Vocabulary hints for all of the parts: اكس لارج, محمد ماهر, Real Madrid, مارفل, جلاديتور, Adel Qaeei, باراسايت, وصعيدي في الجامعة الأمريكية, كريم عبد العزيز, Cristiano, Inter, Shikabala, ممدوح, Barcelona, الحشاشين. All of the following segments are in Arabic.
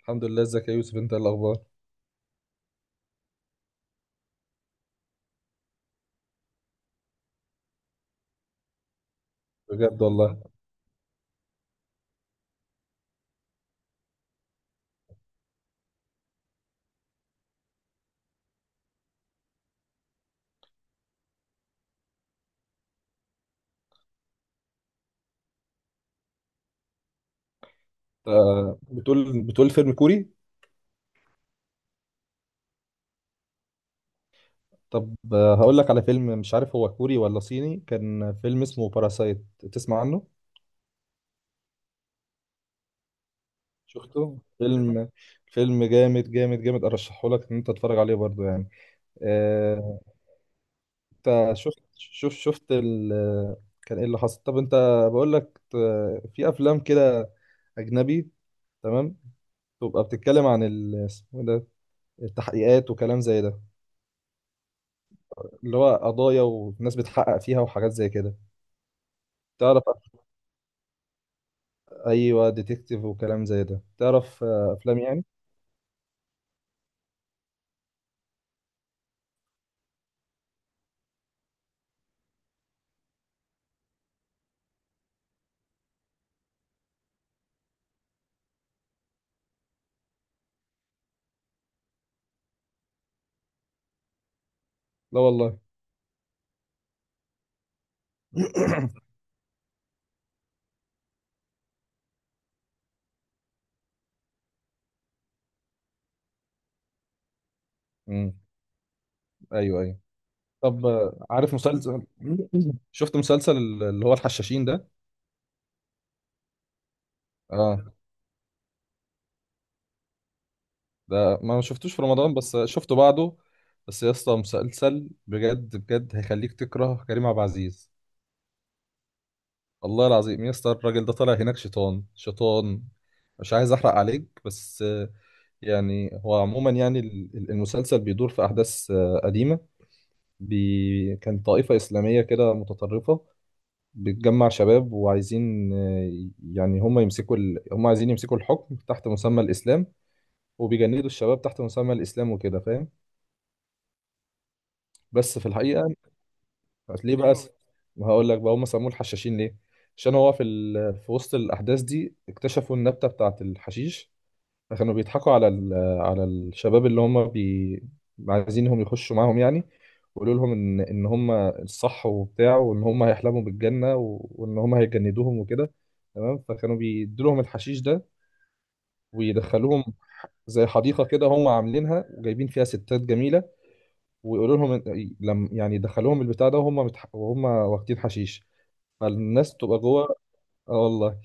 الحمد لله، ازيك يا يوسف؟ انت ايه الاخبار؟ بجد والله. آه، بتقول فيلم كوري؟ طب، هقول لك على فيلم مش عارف هو كوري ولا صيني، كان فيلم اسمه باراسايت. تسمع عنه؟ شفته، فيلم فيلم جامد جامد جامد، ارشحه لك ان انت تتفرج عليه برضو يعني. آه، انت شفت. كان ايه اللي حصل؟ طب انت، بقول لك في افلام كده، اجنبي، تمام. تبقى بتتكلم عن اسمه إيه ده، التحقيقات وكلام زي ده، اللي هو قضايا وناس بتحقق فيها وحاجات زي كده. تعرف ايوه، ديتكتيف وكلام زي ده، تعرف، افلام يعني. لا والله. امم. ايوه ايوه. طب، عارف مسلسل؟ شفت مسلسل اللي هو الحشاشين ده؟ اه. ده ما شفتوش في رمضان، بس شفته بعده. بس يا اسطى، مسلسل بجد بجد هيخليك تكره كريم عبد العزيز. والله العظيم يا اسطى، الراجل ده طالع هناك شيطان شيطان. مش عايز احرق عليك بس. يعني هو عموما، يعني المسلسل بيدور في أحداث قديمة. كان طائفة إسلامية كده متطرفة، بتجمع شباب وعايزين، يعني هم عايزين يمسكوا الحكم تحت مسمى الإسلام، وبيجندوا الشباب تحت مسمى الإسلام وكده، فاهم؟ بس في الحقيقة، ليه بقى هقول لك بقى، هم سموه الحشاشين ليه. عشان هو في وسط الأحداث دي اكتشفوا النبتة بتاعة الحشيش. كانوا بيضحكوا على الشباب اللي عايزينهم يخشوا معاهم يعني. وقالوا لهم ان هم الصح وبتاع، وان هم هيحلموا بالجنه و... وان هم هيجندوهم وكده. تمام، فكانوا بيدوا لهم الحشيش ده، ويدخلوهم زي حديقه كده هم عاملينها، وجايبين فيها ستات جميله. ويقولوا لهم إن- لم يعني يدخلوهم البتاع ده وهم وهم واخدين حشيش. فالناس بتبقى جوه. اه والله.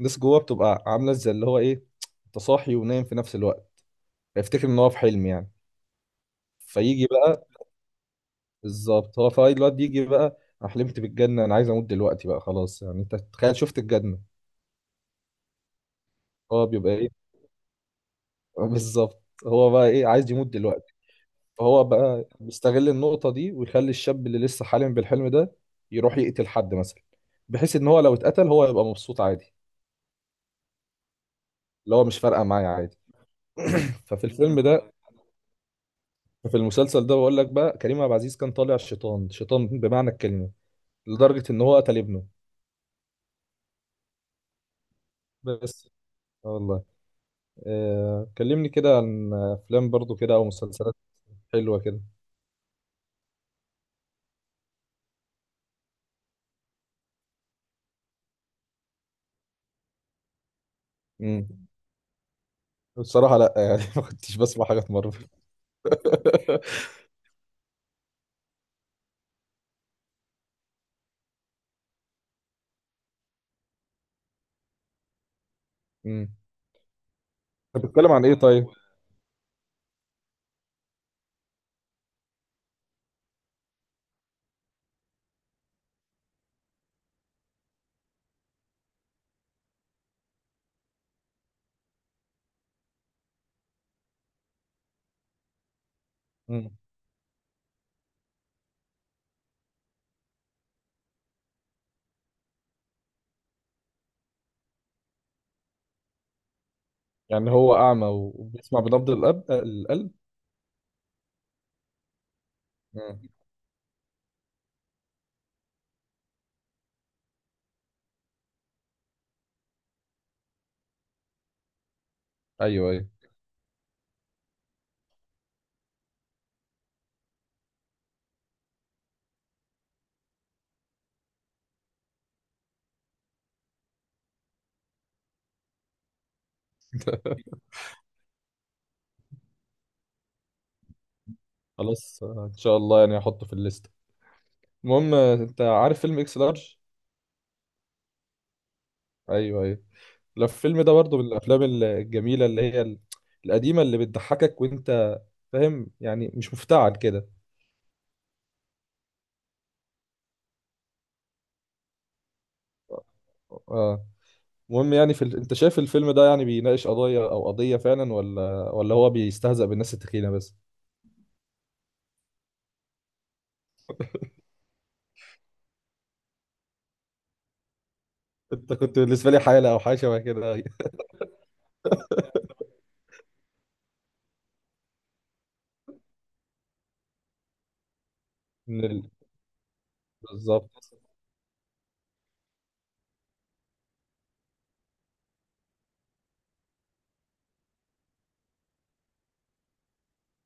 الناس جوه بتبقى عامله زي اللي هو ايه، انت صاحي ونايم في نفس الوقت، افتكر ان هو في حلم يعني. فيجي بقى، بالظبط، هو فاي، الواد يجي بقى انا حلمت بالجنه، انا عايز اموت دلوقتي بقى خلاص، يعني انت تخيل، شفت الجنه. هو بيبقى ايه؟ بالظبط، هو بقى ايه، عايز يموت دلوقتي. فهو بقى بيستغل النقطه دي، ويخلي الشاب اللي لسه حالم بالحلم ده يروح يقتل حد مثلا، بحيث ان هو لو اتقتل هو يبقى مبسوط عادي. اللي هو مش فارقه معايا عادي. ففي الفيلم ده في المسلسل ده بقول لك بقى، كريم عبد العزيز كان طالع شيطان شيطان بمعنى الكلمه، لدرجه ان هو قتل ابنه. بس. آه والله. كلمني كده عن افلام برضو كده او مسلسلات حلوه كده. امم. بصراحه، لا يعني، ما كنتش بسمع حاجه مارفل. امم انت بتتكلم عن ايه طيب؟ امم يعني هو اعمى وبيسمع بنبض القلب؟ امم. ايوه ايوه. خلاص، ان شاء الله يعني، هحطه في الليست. المهم، انت عارف فيلم اكس لارج؟ ايوه ايوه. لا، الفيلم ده برضو من الافلام الجميله اللي هي القديمه، اللي بتضحكك وانت فاهم يعني، مش مفتعل كده. آه، آه. المهم يعني انت شايف الفيلم ده يعني بيناقش قضايا او قضية فعلا، ولا هو بيستهزأ بالناس التخينة بس؟ انت كنت بالنسبة لي حالة او حاجة شبه كده. من ال... بالظبط.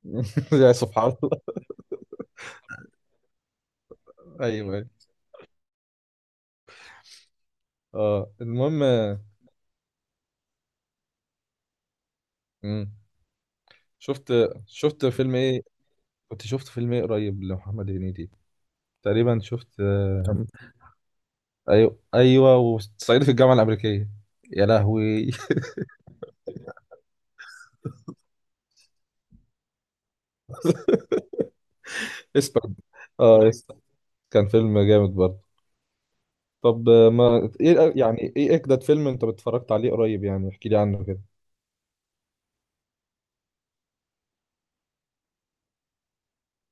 يا سبحان الله. ايوه ايوه. اه، المهم. مم. شفت شفت فيلم ايه؟ كنت شفت فيلم ايه قريب لمحمد هنيدي؟ تقريبا شفت، ايوه ايوه، وصعيدي في الجامعة الأمريكية. يا لهوي. اسمه. اه يس. كان فيلم جامد برضه. طب ما ايه، يعني ايه اجدد فيلم انت اتفرجت عليه قريب؟ يعني احكي لي عنه كده.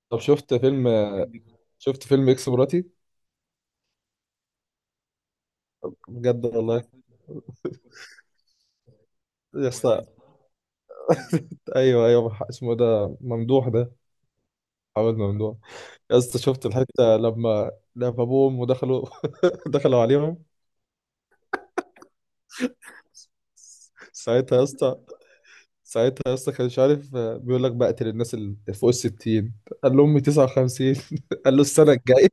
طب، شفت فيلم؟ شفت فيلم اكس مراتي؟ بجد والله؟ يا اسطى. ايوه ايوه، اسمه إيه ده، ممدوح ده؟ حاول ممدوح. يا اسطى، شفت الحته لما ابوه وامه دخلوا عليهم؟ ساعتها يا اسطى ساعتها يا اسطى، كان مش عارف، بيقول لك بقتل الناس اللي فوق ال 60، قال له امي 59، قال له السنه الجايه.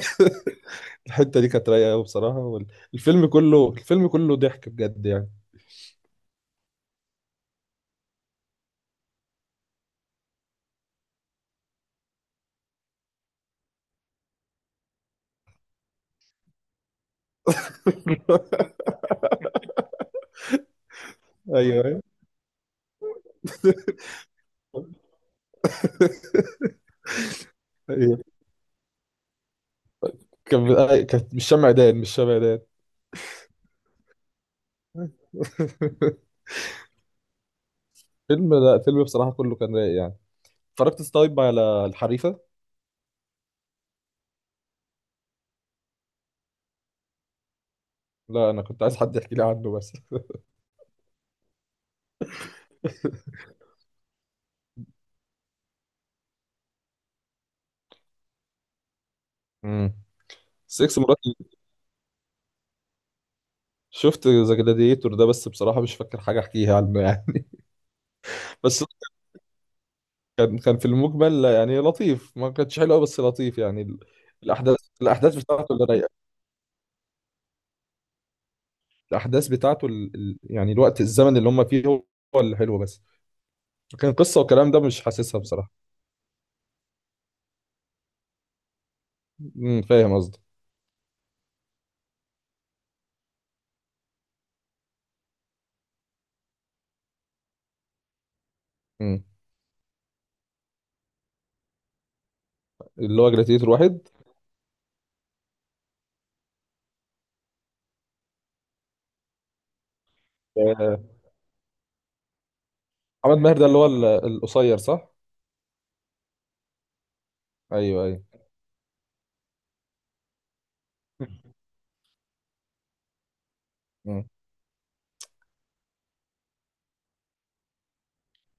الحته دي كانت رايقه قوي بصراحه، الفيلم كله ضحك بجد يعني. ايوه ايوه ايوه. كان، كانت مش شمع دان. فيلم لا فيلم بصراحه كله كان رايق يعني. اتفرجت طيب على الحريفه؟ لا، انا كنت عايز حد يحكي لي عنه بس. امم سكس مرات. شفت ذا جلاديتور ده، بس بصراحه مش فاكر حاجه احكيها عنه يعني. بس كان في المقبل يعني لطيف، ما كانتش حلوه بس لطيف يعني الاحداث بتاعته اللي رايقه. الاحداث بتاعته يعني الوقت، الزمن اللي هم فيه هو، هو اللي حلو بس. لكن قصه والكلام ده مش حاسسها بصراحه. فاهم قصدي؟ امم اللي هو جلاتيتور واحد، آه، محمد ماهر ده اللي هو القصير صح؟ ايوه ايوه. مم.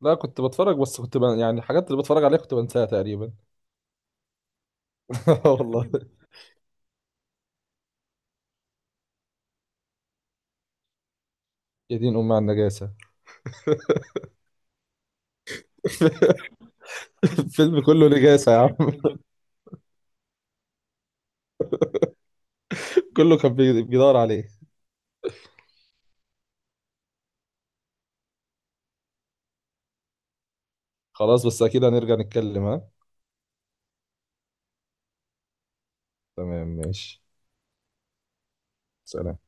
لا، كنت بتفرج بس يعني الحاجات اللي بتفرج عليها كنت بنساها تقريبا. والله. يا دين امي على النجاسه. الفيلم كله نجاسه يا عم. كله كان بيدور عليه. خلاص، بس اكيد هنرجع نتكلم، ها؟ تمام ماشي. سلام.